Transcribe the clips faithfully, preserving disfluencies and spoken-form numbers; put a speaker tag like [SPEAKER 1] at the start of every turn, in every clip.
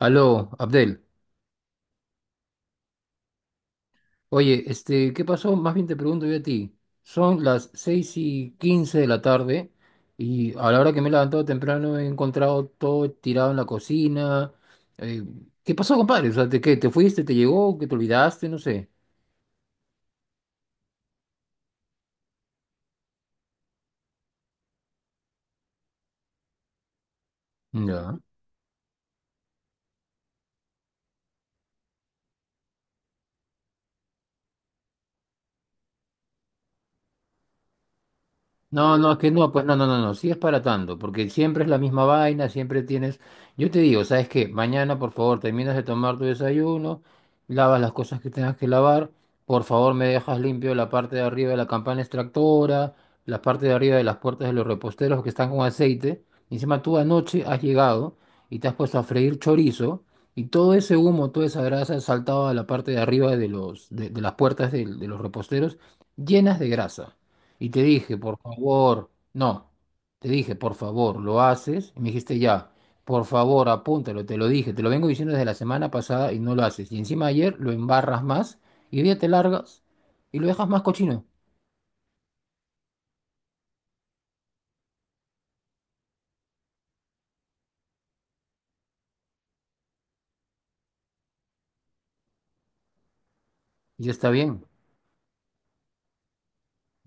[SPEAKER 1] Aló, Abdel. Oye, este, ¿qué pasó? Más bien te pregunto yo a ti. Son las seis y quince de la tarde y a la hora que me he levantado temprano he encontrado todo tirado en la cocina. Eh, ¿qué pasó, compadre? O sea, ¿te, qué, ¿te fuiste? ¿Te llegó? ¿Que te olvidaste? No sé. Ya. No, no, es que no, pues no, no, no, no, sí es para tanto, porque siempre es la misma vaina, siempre tienes, yo te digo, ¿sabes qué? Mañana, por favor, terminas de tomar tu desayuno, lavas las cosas que tengas que lavar, por favor, me dejas limpio la parte de arriba de la campana extractora, la parte de arriba de las puertas de los reposteros que están con aceite, y encima tú anoche has llegado y te has puesto a freír chorizo, y todo ese humo, toda esa grasa ha saltado a la parte de arriba de los, de, de las puertas del- de los reposteros, llenas de grasa. Y te dije, por favor, no, te dije, por favor, lo haces. Y me dijiste, ya, por favor, apúntalo, te lo dije, te lo vengo diciendo desde la semana pasada y no lo haces. Y encima ayer lo embarras más y hoy día te largas y lo dejas más cochino. Y ya está bien.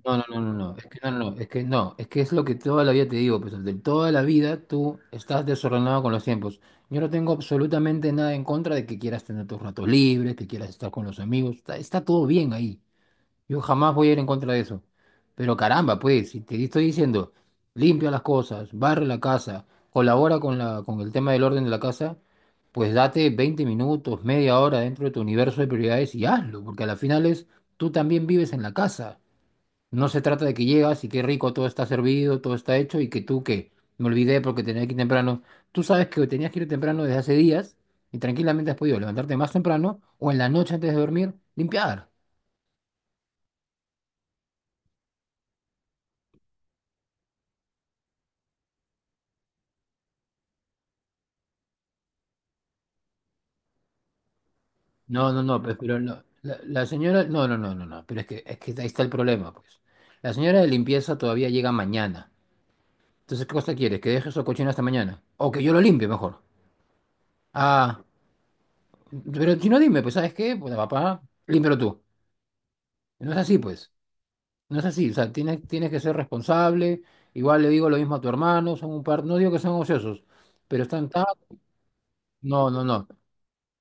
[SPEAKER 1] No, no, no, no, no, es que no, no, no, es que no, es que es lo que toda la vida te digo, pues de toda la vida tú estás desordenado con los tiempos. Yo no tengo absolutamente nada en contra de que quieras tener tus ratos libres, que quieras estar con los amigos, está, está todo bien ahí. Yo jamás voy a ir en contra de eso. Pero caramba, pues, si te estoy diciendo, limpia las cosas, barre la casa, colabora con la, con el tema del orden de la casa, pues date veinte minutos, media hora dentro de tu universo de prioridades y hazlo, porque a la final es, tú también vives en la casa. No se trata de que llegas y qué rico, todo está servido, todo está hecho y que tú que me olvidé porque tenía que ir temprano. Tú sabes que tenías que ir temprano desde hace días y tranquilamente has podido levantarte más temprano o en la noche antes de dormir, limpiar. No, no, no, pues, pero no, la, la señora, no, no, no, no, no, pero es que, es que ahí está el problema, pues. La señora de limpieza todavía llega mañana. Entonces, ¿qué cosa quieres? ¿Que deje eso cochino hasta mañana? O que yo lo limpie mejor. Ah, pero si no dime, pues, ¿sabes qué? Pues, papá, límpialo tú. No es así, pues. No es así, o sea, tienes, tienes que ser responsable. Igual le digo lo mismo a tu hermano, son un par, no digo que sean ociosos, pero están tan... No, no, no,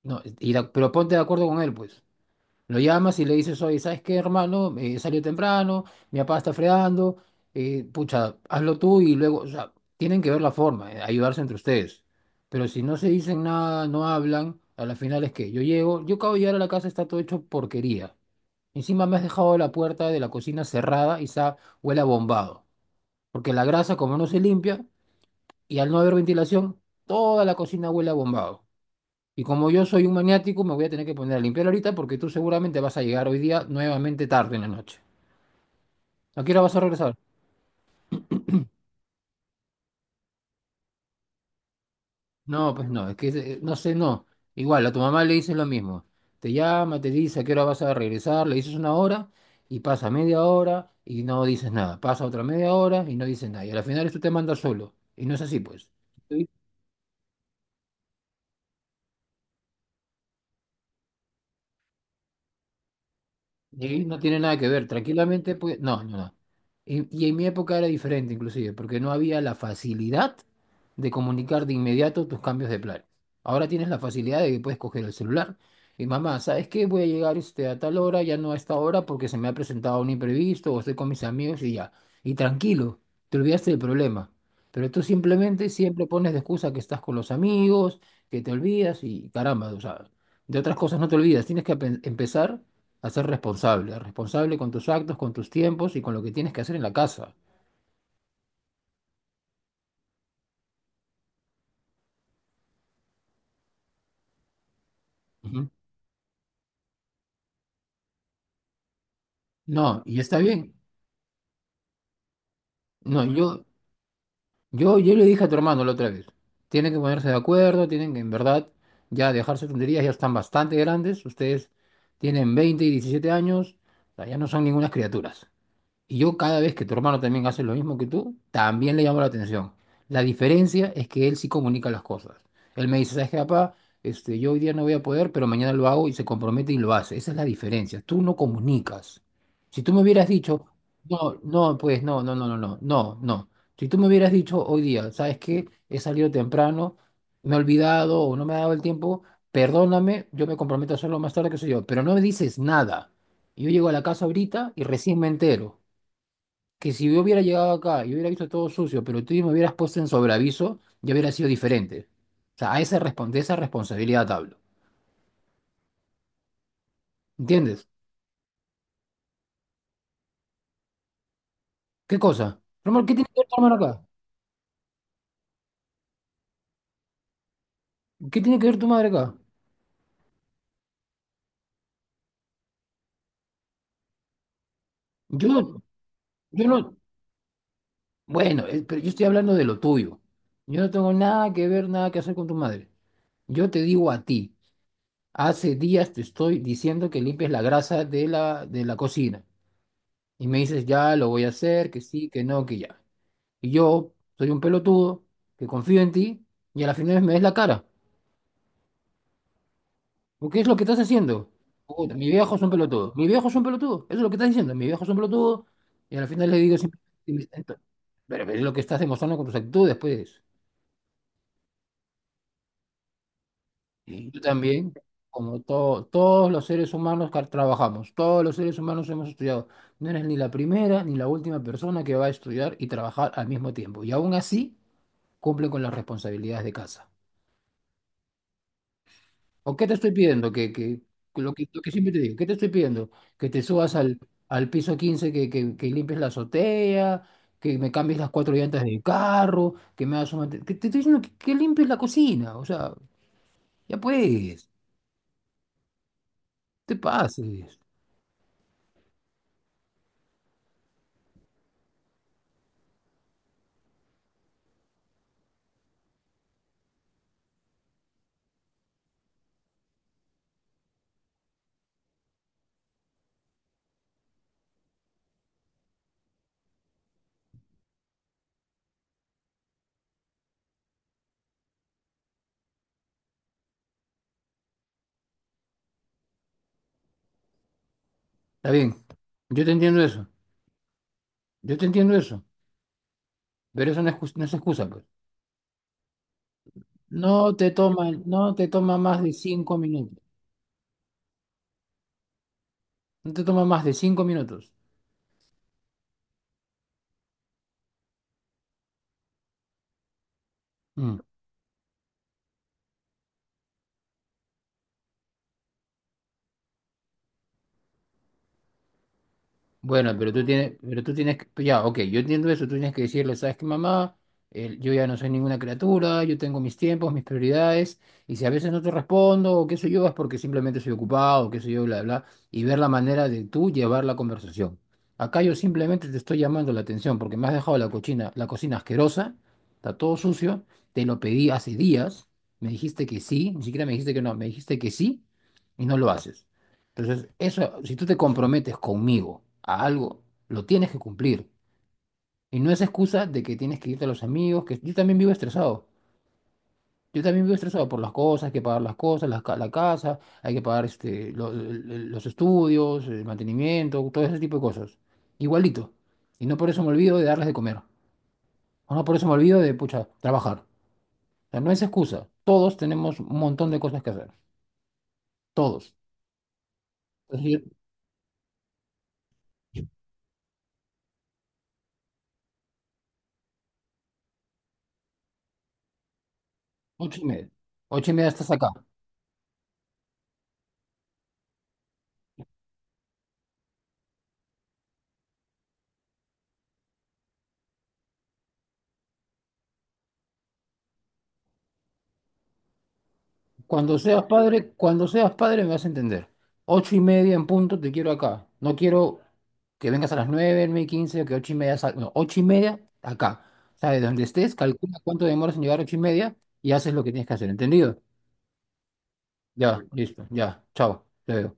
[SPEAKER 1] no, y da- pero ponte de acuerdo con él, pues. Lo llamas y le dices, oye, ¿sabes qué, hermano? Eh, salió temprano, mi papá está fregando, eh, pucha, hazlo tú y luego, o sea, tienen que ver la forma, eh, ayudarse entre ustedes. Pero si no se dicen nada, no hablan, a la final es que yo llego, yo acabo de llegar a la casa, está todo hecho porquería. Encima me has dejado la puerta de la cocina cerrada y está, huele a bombado. Porque la grasa, como no se limpia, y al no haber ventilación, toda la cocina huele a bombado. Y como yo soy un maniático, me voy a tener que poner a limpiar ahorita porque tú seguramente vas a llegar hoy día nuevamente tarde en la noche. ¿A qué hora vas a regresar? No, pues no, es que eh, no sé, no. Igual, a tu mamá le dices lo mismo. Te llama, te dice a qué hora vas a regresar, le dices una hora y pasa media hora y no dices nada. Pasa otra media hora y no dices nada. Y al final tú te mandas solo. Y no es así, pues. Y no tiene nada que ver, tranquilamente, pues, no, no, no. Y, y en mi época era diferente inclusive, porque no había la facilidad de comunicar de inmediato tus cambios de planes. Ahora tienes la facilidad de que puedes coger el celular y mamá, ¿sabes qué? Voy a llegar este, a tal hora, ya no a esta hora porque se me ha presentado un imprevisto o estoy con mis amigos y ya. Y tranquilo, te olvidaste del problema. Pero tú simplemente siempre pones de excusa que estás con los amigos, que te olvidas y caramba, o sea, de otras cosas no te olvidas. Tienes que apen- empezar a ser responsable, responsable con tus actos, con tus tiempos y con lo que tienes que hacer en la casa. Ujú. No, y está bien. No, yo, yo, yo le dije a tu hermano la otra vez, tienen que ponerse de acuerdo, tienen que en verdad ya dejarse tonterías, ya están bastante grandes, ustedes tienen veinte y diecisiete años, o sea, ya no son ningunas criaturas. Y yo cada vez que tu hermano también hace lo mismo que tú, también le llamo la atención. La diferencia es que él sí comunica las cosas. Él me dice, ¿sabes qué, papá? Este, yo hoy día no voy a poder, pero mañana lo hago y se compromete y lo hace. Esa es la diferencia. Tú no comunicas. Si tú me hubieras dicho, no, no, pues no, no, no, no, no, no, no. Si tú me hubieras dicho hoy día, ¿sabes qué? He salido temprano, me he olvidado o no me ha dado el tiempo, perdóname, yo me comprometo a hacerlo más tarde, que sé yo, pero no me dices nada. Yo llego a la casa ahorita y recién me entero que si yo hubiera llegado acá y hubiera visto todo sucio, pero tú me hubieras puesto en sobreaviso, ya hubiera sido diferente. O sea, a esa, respon- de esa responsabilidad hablo. ¿Entiendes? ¿Qué cosa? Román, ¿qué tiene que ver tu hermano acá? ¿Qué tiene que ver tu madre acá? Yo, yo no. Bueno, eh, pero yo estoy hablando de lo tuyo. Yo no tengo nada que ver, nada que hacer con tu madre. Yo te digo a ti, hace días te estoy diciendo que limpies la grasa de la, de la cocina. Y me dices, ya lo voy a hacer, que sí, que no, que ya. Y yo soy un pelotudo que confío en ti y a la final me des la cara. ¿O qué es lo que estás haciendo? Puta, mi viejo es un pelotudo. Mi viejo es un pelotudo. Eso es lo que estás diciendo. Mi viejo es un pelotudo y a la final le digo siempre... Pero, pero es lo que estás demostrando con tus actitudes, pues. Y tú también, como to- todos los seres humanos que trabajamos, todos los seres humanos hemos estudiado. No eres ni la primera ni la última persona que va a estudiar y trabajar al mismo tiempo. Y aún así, cumple con las responsabilidades de casa. ¿O qué te estoy pidiendo? Que, que, que lo que, lo que siempre te digo, ¿qué te estoy pidiendo? Que te subas al, al piso quince, que, que, que limpies la azotea, que me cambies las cuatro llantas del carro, que me hagas un... mante- Que te estoy diciendo que, que limpies la cocina, o sea, ya puedes, te pases. Está bien, yo te entiendo eso, yo te entiendo eso, pero eso no es, jus- no es excusa, pues. No te toma, no te toma más de cinco minutos, no te toma más de cinco minutos. Mm. Bueno, pero tú tienes, pero tú tienes que, ya, ok, yo entiendo eso, tú tienes que decirle, ¿sabes qué, mamá? El- yo ya no soy ninguna criatura, yo tengo mis tiempos, mis prioridades, y si a veces no te respondo o qué sé yo, es porque simplemente soy ocupado, o qué sé yo, bla, bla, y ver la manera de tú llevar la conversación. Acá yo simplemente te estoy llamando la atención porque me has dejado la cocina, la cocina asquerosa, está todo sucio, te lo pedí hace días, me dijiste que sí, ni siquiera me dijiste que no, me dijiste que sí, y no lo haces. Entonces, eso, si tú te comprometes conmigo a algo, lo tienes que cumplir. Y no es excusa de que tienes que irte a los amigos, que yo también vivo estresado. Yo también vivo estresado por las cosas, hay que pagar las cosas, la, ca- la casa, hay que pagar este, lo- el- el- los estudios, el mantenimiento, todo ese tipo de cosas. Igualito. Y no por eso me olvido de darles de comer. O no por eso me olvido de, pucha, trabajar. O sea, no es excusa. Todos tenemos un montón de cosas que hacer. Todos. Entonces, yo- ocho y media. Ocho y media estás acá. Cuando seas padre, cuando seas padre me vas a entender. Ocho y media en punto te quiero acá. No quiero que vengas a las nueve, nueve y quince, o que ocho y media sal- No, ocho y media acá. O sea, de donde estés, calcula cuánto demoras en llegar a ocho y media y haces lo que tienes que hacer. ¿Entendido? Ya, listo, ya. Chao. Te veo.